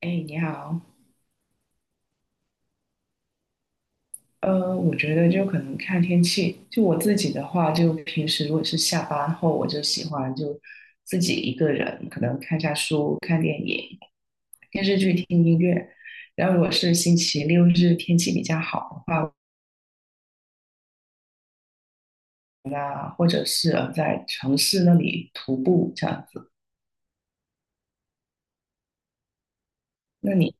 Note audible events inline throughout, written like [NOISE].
哎，你好，我觉得就可能看天气。就我自己的话，就平时如果是下班后，我就喜欢就自己一个人，可能看下书、看电影、追剧、听音乐。然后如果是星期六日天气比较好的话，啊，或者是在城市那里徒步这样子。那你，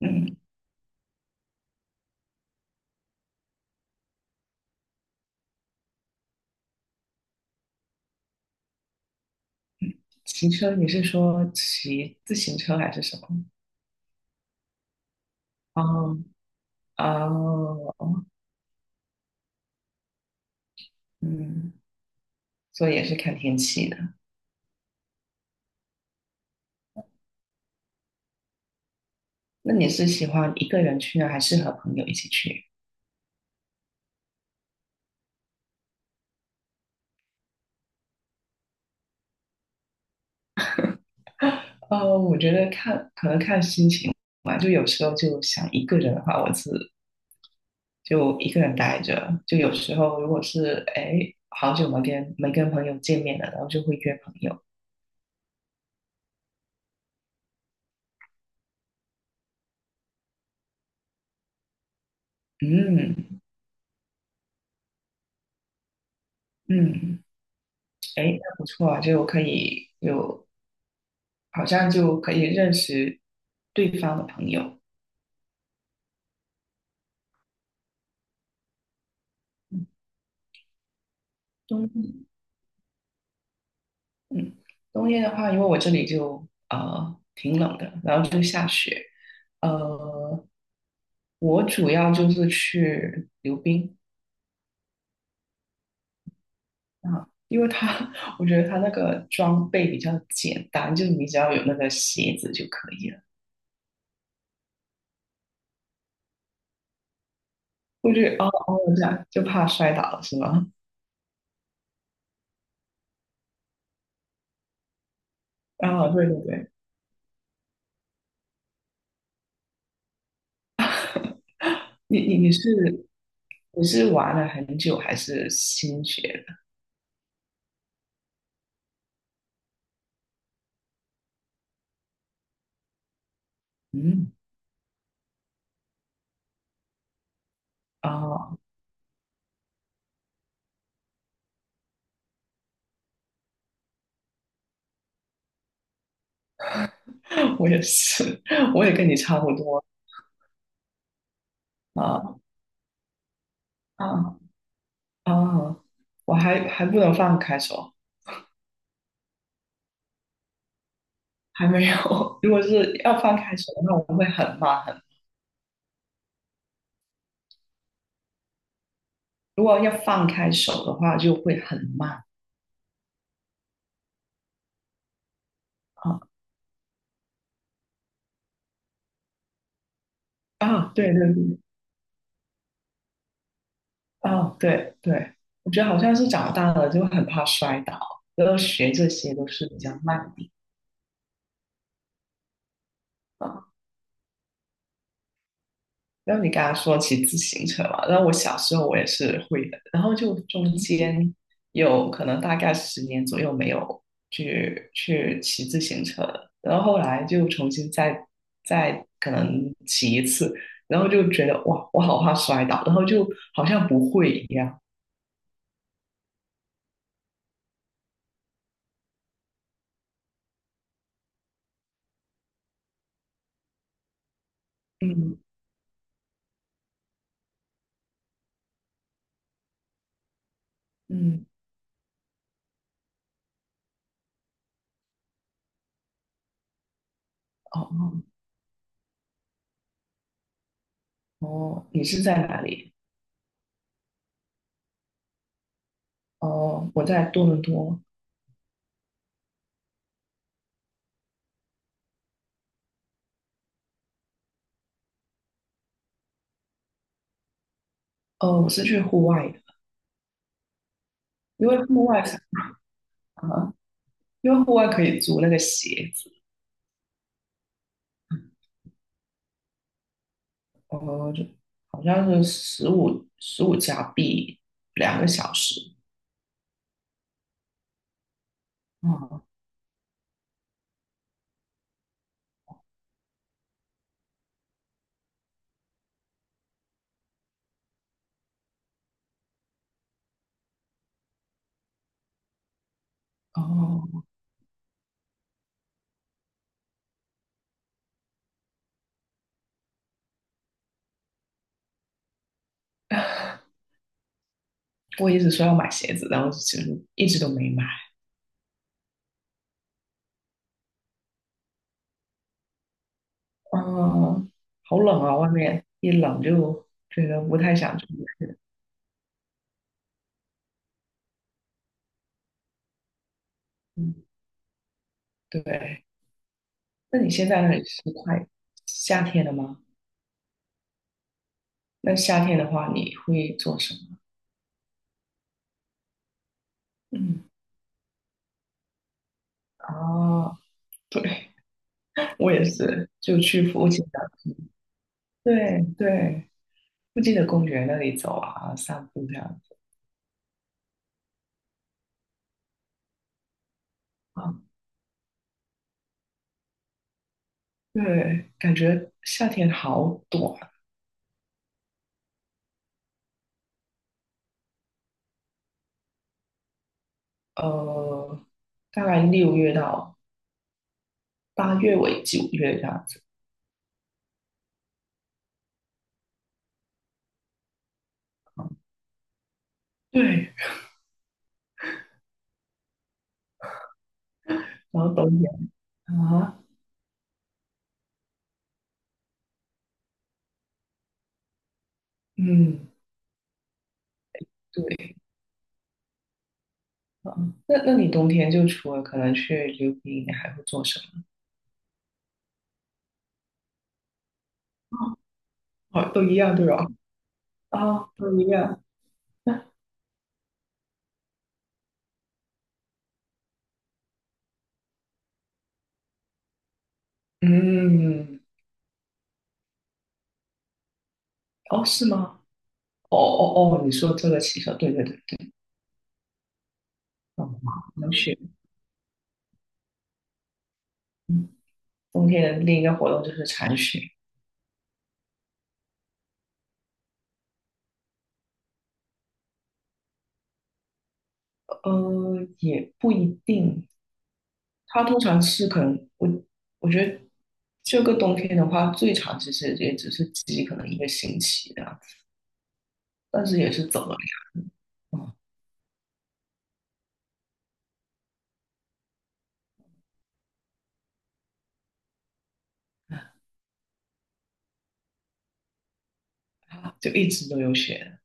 嗯，骑车你是说骑自行车还是什么？哦，哦，嗯，所以也是看天气的。那你是喜欢一个人去呢，还是和朋友一起去？我觉得可能看心情吧，就有时候就想一个人的话，我是就一个人待着；就有时候如果是哎好久没跟朋友见面了，然后就会约朋友。嗯嗯，哎，那不错啊，就可以有好像就可以认识对方的朋友。嗯，嗯，冬天的话，因为我这里就挺冷的，然后就下雪。呃，我主要就是去溜冰啊，因为它 [LAUGHS] 我觉得它那个装备比较简单，就你只要有那个鞋子就可以了。我觉得哦哦，这样就怕摔倒了是吗？[LAUGHS] 啊，对对对，你你你是你是玩了很久还是新学的？嗯，啊，[LAUGHS] 我也是，我也跟你差不多啊啊。哦，我还不能放开手，还没有。[LAUGHS] 如果是要放开手的话，我会很慢；如果要放开手的话，就会很慢啊啊！对对对，啊对对，我觉得好像是长大了就很怕摔倒，然后学这些都是比较慢的。啊然后你刚刚说骑自行车嘛，然后我小时候我也是会的，然后就中间有可能大概10年左右没有去骑自行车了，然后后来就重新再可能骑一次，然后就觉得哇，我好怕摔倒，然后就好像不会一样。嗯嗯，哦哦哦，你是在哪里？哦，我在多伦多。哦，我是去户外的，因为户外啊，因为户外可以租那个鞋。子。哦，就好像是十五加币2个小时。哦哦 [LAUGHS]，我一直说要买鞋子，然后一直都没买。嗯，好冷啊，外面一冷就觉得不太想出去。嗯，对。那你现在那里是快夏天了吗？那夏天的话，你会做什么？嗯，啊，对，我也是，就去服附近的。对对。附近的公园那里走啊，散步这样子啊。对，感觉夏天好短，呃，大概6月到8月尾9月这样子。对，然后冬天啊，嗯，对啊。那你冬天就除了可能去溜冰，你还会做什么？啊，哦，都一样对吧？[LAUGHS] 啊，都一样。嗯，哦，是吗？哦哦哦，你说这个骑车，对对对对，哦，好能雪。嗯，冬天的另一个活动就是铲雪，也不一定，它通常是可能我觉得这个冬天的话，最长其实也只是积可能一个星期这样子，但是也是走了两，嗯，就一直都有雪。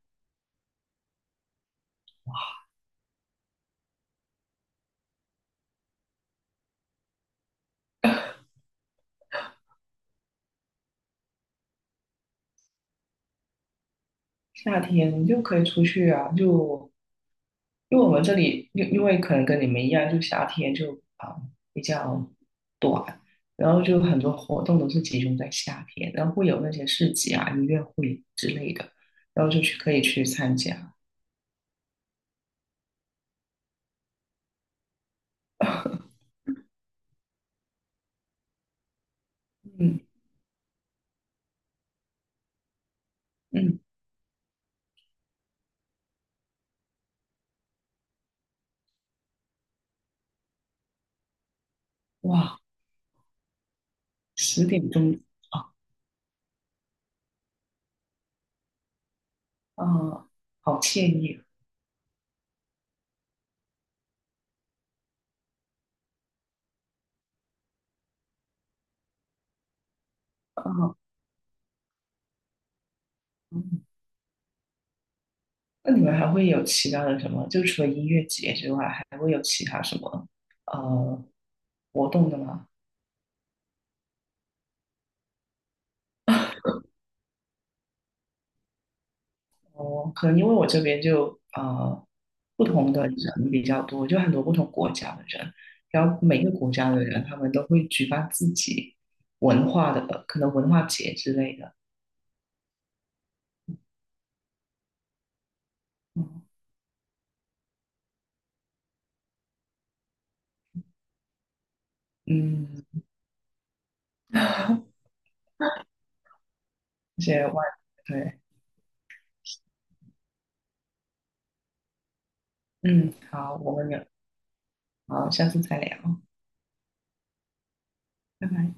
夏天就可以出去啊，就因为我们这里因为可能跟你们一样，就夏天就啊、比较短，然后就很多活动都是集中在夏天，然后会有那些市集啊、音乐会之类的，然后就去可以去参加，[LAUGHS] 嗯。嗯，哇，10点钟啊，啊，好惬意啊，嗯，那你们还会有其他的什么？就除了音乐节之外，还会有其他什么呃活动的吗？哦，可能因为我这边就不同的人比较多，就很多不同国家的人，然后每个国家的人他们都会举办自己文化的可能文化节之类的，嗯嗯 [LAUGHS]，而且外对，嗯，好，我们有。好，下次再聊，拜拜。